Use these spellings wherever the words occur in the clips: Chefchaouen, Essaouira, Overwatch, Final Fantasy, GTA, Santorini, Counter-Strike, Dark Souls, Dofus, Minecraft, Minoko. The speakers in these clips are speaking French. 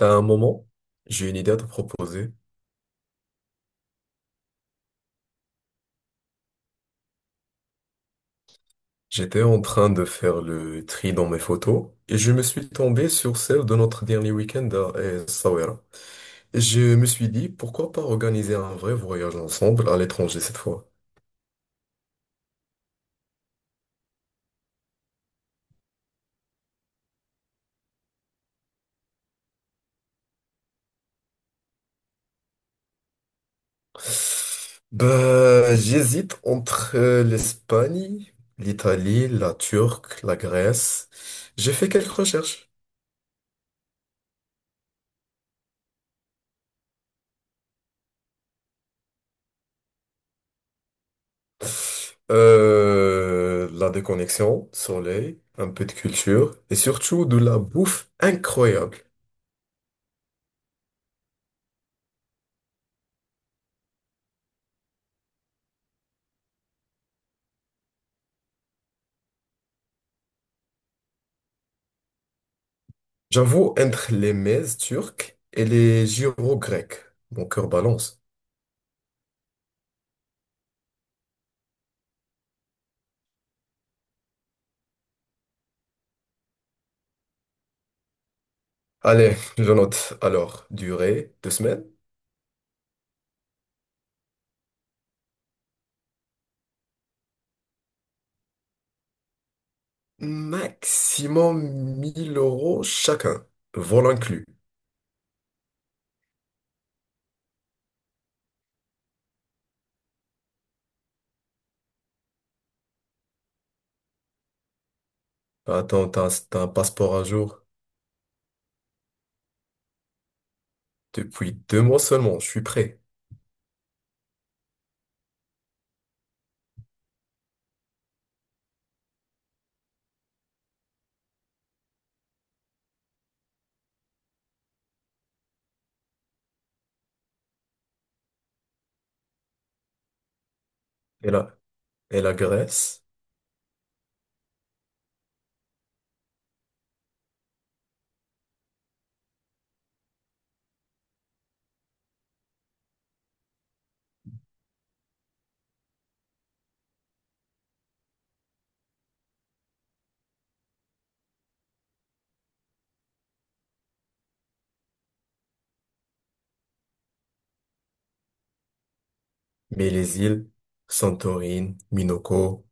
À un moment, j'ai une idée à te proposer. J'étais en train de faire le tri dans mes photos et je me suis tombé sur celle de notre dernier week-end à Essaouira. Et je me suis dit, pourquoi pas organiser un vrai voyage ensemble à l'étranger cette fois? Bah, j'hésite entre l'Espagne, l'Italie, la Turquie, la Grèce. J'ai fait quelques recherches. La déconnexion, soleil, un peu de culture et surtout de la bouffe incroyable. J'avoue, entre les mezes turques et les gyros grecs, mon cœur balance. Allez, je note. Alors, durée, 2 semaines, maximum 1 000 € chacun, vol inclus. Attends, t'as un passeport à jour? Depuis 2 mois seulement, je suis prêt. Et la, et la Grèce, mais les îles, Santorini, Minoko.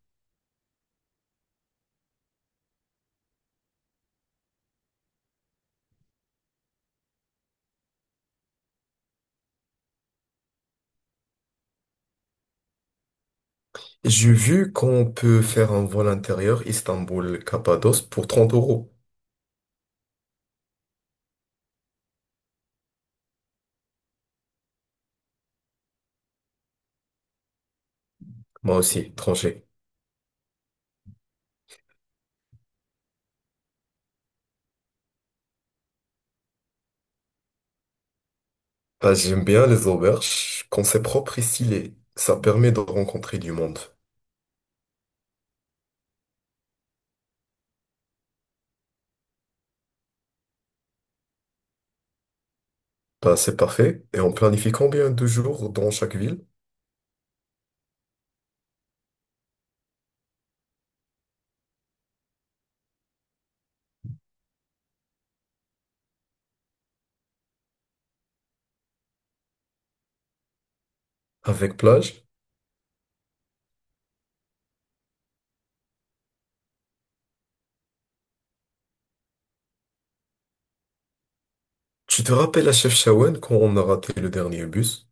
J'ai vu qu'on peut faire un vol intérieur Istanbul-Cappadoce pour 30 euros. Moi aussi, tranché. Bah, j'aime bien les auberges quand c'est propre et stylé. Ça permet de rencontrer du monde. Bah, c'est parfait. Et on planifie combien de jours dans chaque ville avec plage? Tu te rappelles à Chefchaouen quand on a raté le dernier bus?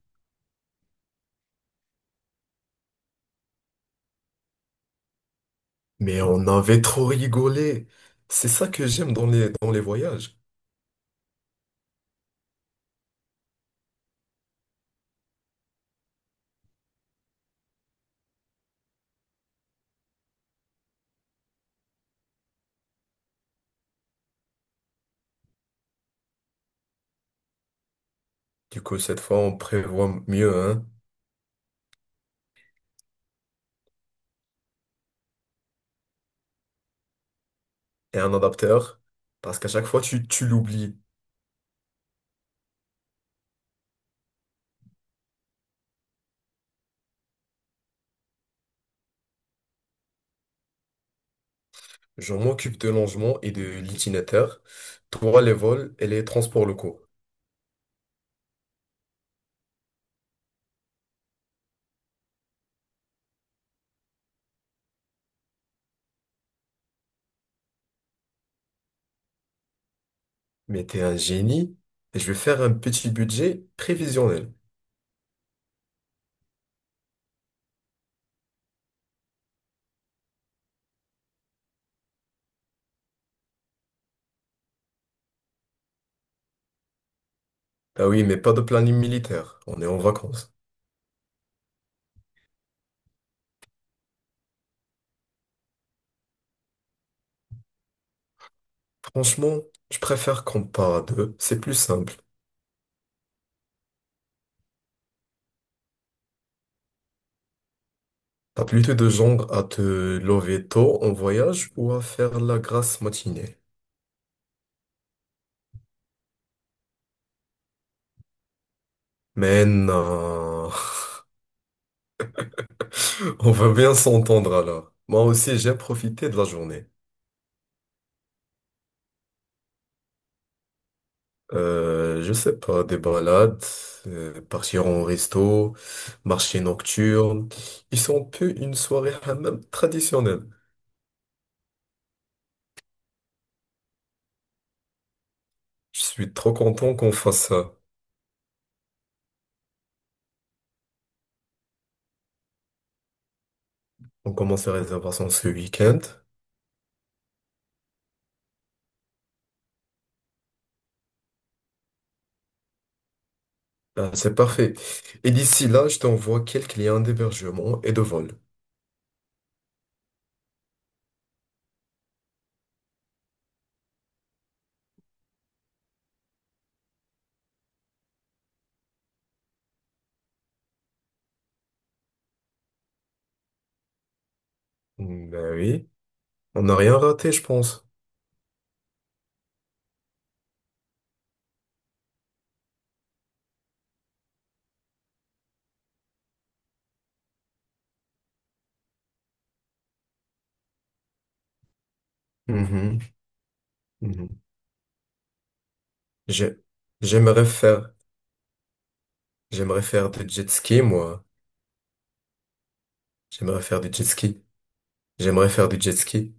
Mais on avait trop rigolé. C'est ça que j'aime dans les voyages. Du coup, cette fois, on prévoit mieux, hein? Et un adapteur. Parce qu'à chaque fois, tu l'oublies. Je m'occupe de l'angement et de l'itinéraire. Toi, les vols et les transports locaux. Mais t'es un génie et je vais faire un petit budget prévisionnel. Ah oui, mais pas de planning militaire. On est en vacances. Franchement, je préfère qu'on part à deux. C'est plus simple. T'as plutôt de genre à te lever tôt en voyage ou à faire la grasse matinée. Mais non. On va bien s'entendre alors. Moi aussi, j'ai profité de la journée. Je sais pas, des balades, partir en resto, marché nocturne. Ils sont un peu une soirée hammam traditionnelle. Je suis trop content qu'on fasse ça. On commence les réservations ce week-end. Ah, c'est parfait. Et d'ici là, je t'envoie quelques liens d'hébergement et de vol. Mm, ben oui, on n'a rien raté, je pense. Mhm, mhm. J'ai- J'aimerais faire, J'aimerais faire du jet ski, moi. J'aimerais faire du jet ski. J'aimerais faire du jet ski.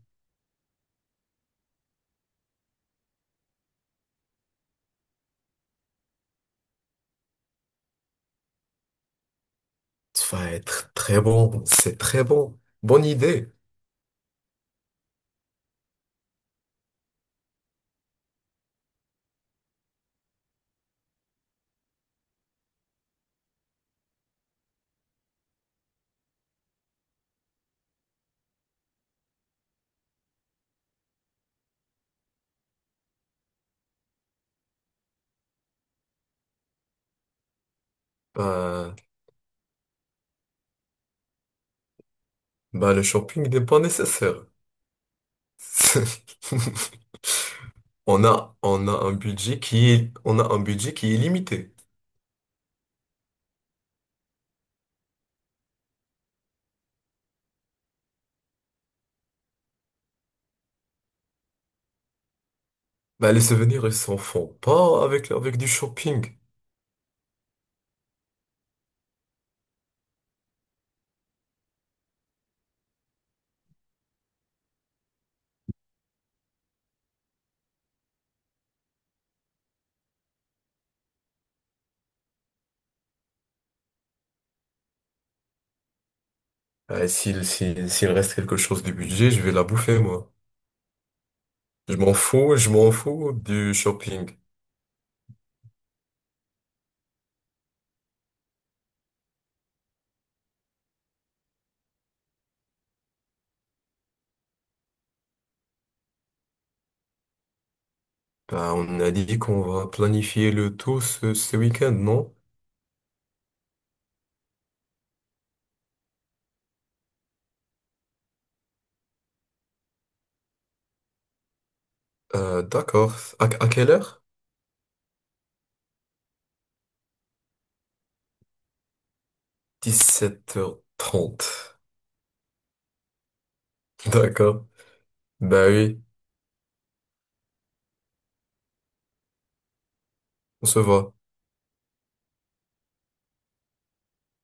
Ça va être très bon, c'est très bon. Bonne idée. Bah, bah, le shopping n'est pas nécessaire. On a un budget qui est limité. Bah, les souvenirs, ils s'en font pas avec du shopping. Bah, s'il reste quelque chose du budget, je vais la bouffer, moi. Je m'en fous du shopping. Bah, on a dit qu'on va planifier le tout ce week-end, non? D'accord. À quelle heure? 17h30. D'accord. Bah oui, on se voit.